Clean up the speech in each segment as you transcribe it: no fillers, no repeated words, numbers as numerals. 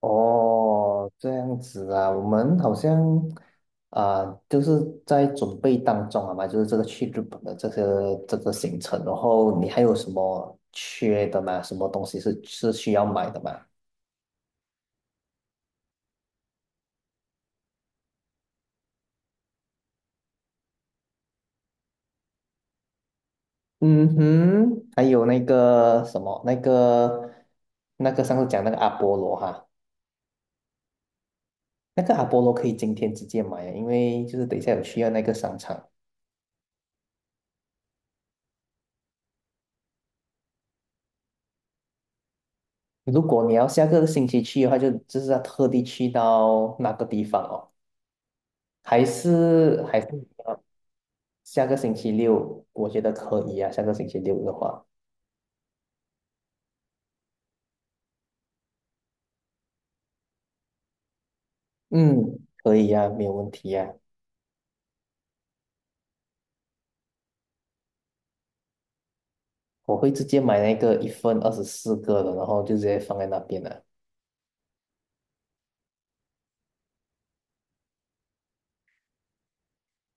哦，这样子啊，我们好像啊、就是在准备当中啊嘛，就是这个去日本的这个行程，然后你还有什么缺的吗？什么东西是需要买的吗？嗯哼，还有那个什么，那个上次讲那个阿波罗哈，那个阿波罗可以今天直接买啊，因为就是等一下有需要那个商场。如果你要下个星期去的话，就是要特地去到那个地方哦。还是要下个星期六，我觉得可以啊。下个星期六的话，嗯，可以啊，没有问题啊。我会直接买那个一份24个的，然后就直接放在那边了，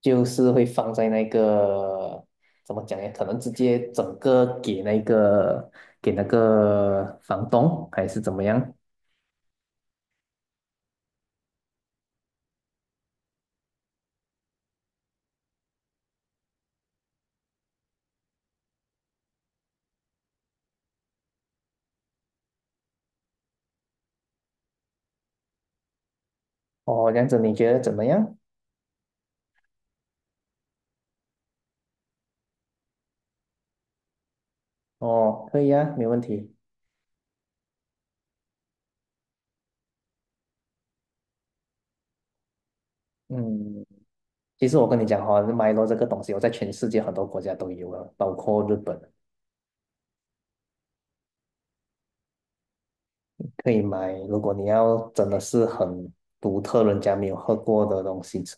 就是会放在那个怎么讲呀？可能直接整个给那个给那个房东还是怎么样？哦，这样子你觉得怎么样？哦，可以啊，没问题。嗯。其实我跟你讲哈、哦，Milo 这个东西，我在全世界很多国家都有了，包括日本可以买。如果你要真的是很独特，人家没有喝过的东西吃，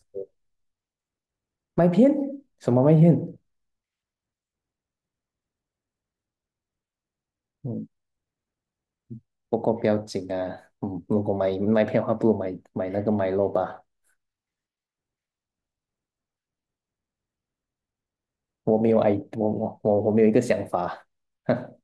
麦片什么麦片？嗯，不过不要紧啊，嗯，如果买麦片的话，不如买那个 m i 吧。我没有 i，我没有一个想法。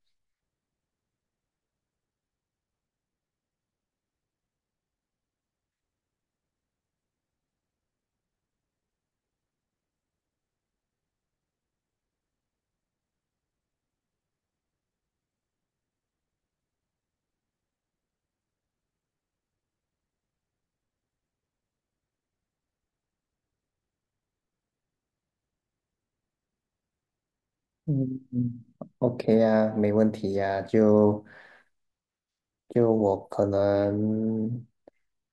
嗯嗯，OK 啊，没问题呀、就我可能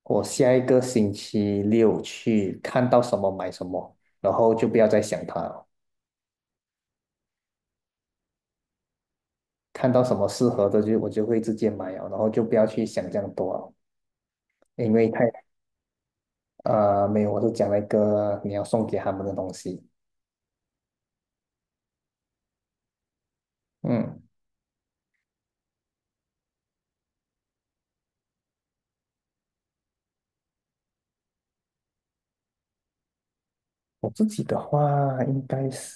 我下一个星期六去看到什么买什么，然后就不要再想它了。看到什么适合的就我就会直接买了，然后就不要去想这样多了，因为太没有，我是讲了一个你要送给他们的东西。嗯，我自己的话应该是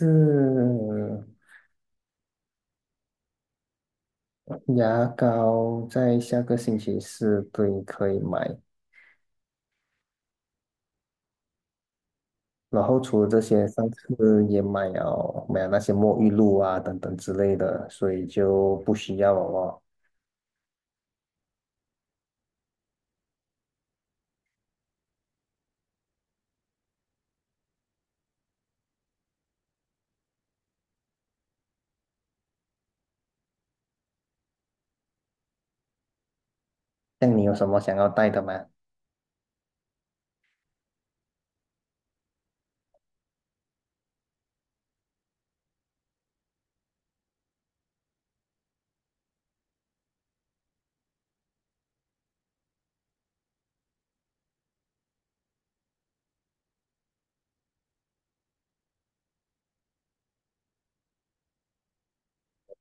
牙膏，在下个星期四对可以买，然后除了这些，上次也买了那些沐浴露啊等等之类的，所以就不需要了哦。像你有什么想要带的吗？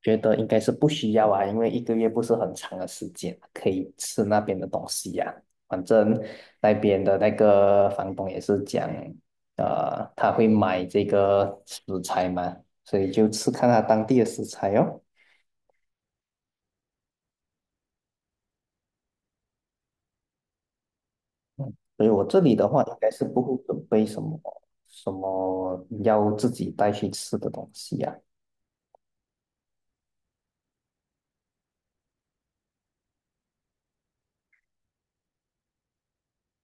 觉得应该是不需要啊，因为一个月不是很长的时间，可以吃那边的东西呀、反正那边的那个房东也是讲，他会买这个食材嘛，所以就吃看他当地的食材哦。所以我这里的话，应该是不会准备什么什么要自己带去吃的东西啊，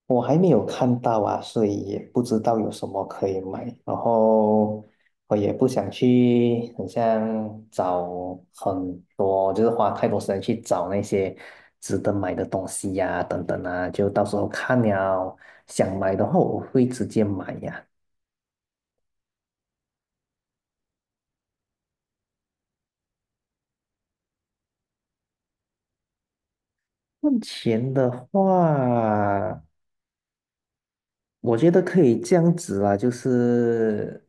我还没有看到啊，所以也不知道有什么可以买。然后我也不想去，很像找很多，就是花太多时间去找那些值得买的东西呀、等等啊，就到时候看了想买的话，我会直接买呀、目前的话。我觉得可以这样子啊，就是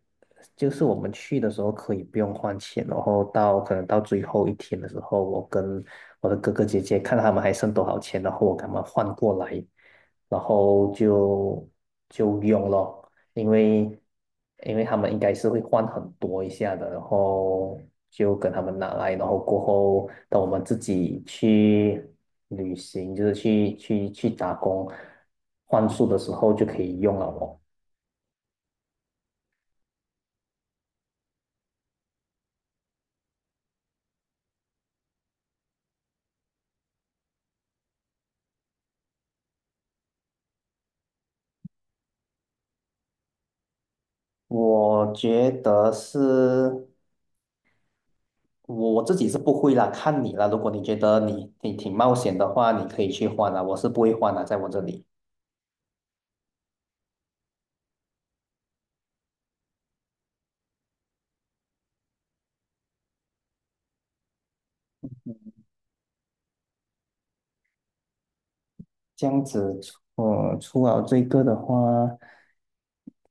就是我们去的时候可以不用换钱，然后到可能到最后一天的时候，我跟我的哥哥姐姐看他们还剩多少钱，然后我给他们换过来，然后就用咯。因为因为他们应该是会换很多一下的，然后就跟他们拿来，然后过后等我们自己去旅行，就是去打工换宿的时候就可以用了哦。我觉得是我自己是不会啦，看你啦。如果你觉得你挺冒险的话，你可以去换啦，我是不会换啦，在我这里。这样子，呃，除了这个的话，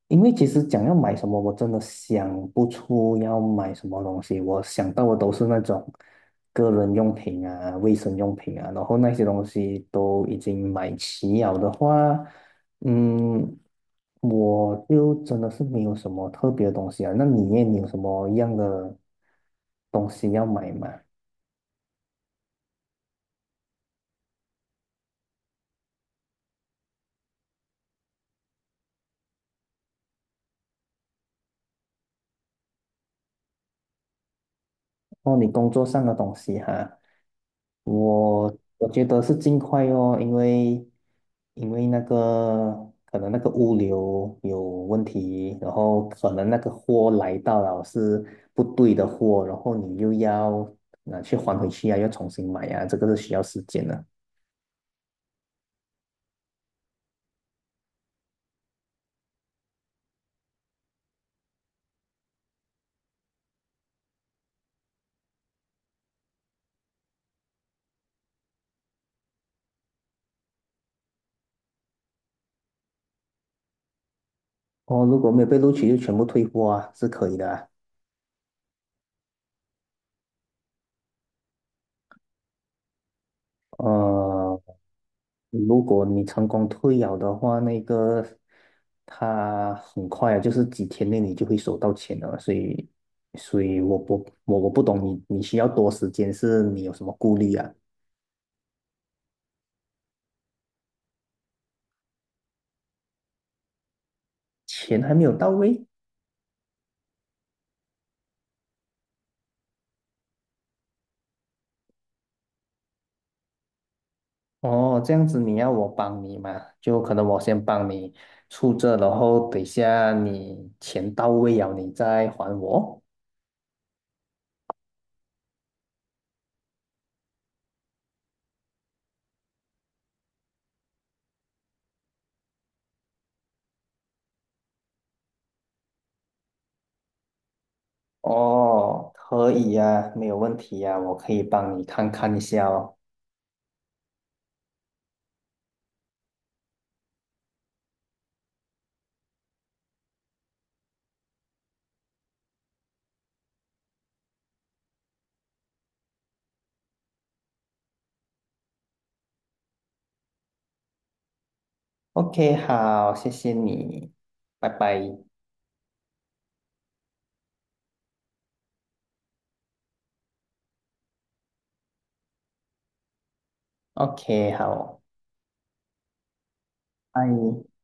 因为其实讲要买什么，我真的想不出要买什么东西。我想到的都是那种个人用品啊、卫生用品啊，然后那些东西都已经买齐了的话，嗯，我就真的是没有什么特别的东西啊。那你耶，你有什么样的东西要买吗？哦，你工作上的东西哈。我我觉得是尽快哦，因为那个可能那个物流有问题，然后可能那个货来到了是不对的货，然后你又要拿去还回去啊，要重新买啊，这个是需要时间的。哦，如果没有被录取就全部退货啊，是可以的啊。呃，如果你成功退养的话，那个他很快啊，就是几天内你就会收到钱了。所以，所以我不懂你需要多时间，是你有什么顾虑啊？钱还没有到位哦，这样子你要我帮你嘛？就可能我先帮你出这，然后等一下你钱到位了，你再还我。哦，可以呀，没有问题呀，我可以帮你看看一下哦。OK，好，谢谢你，拜拜。OK，好，拜。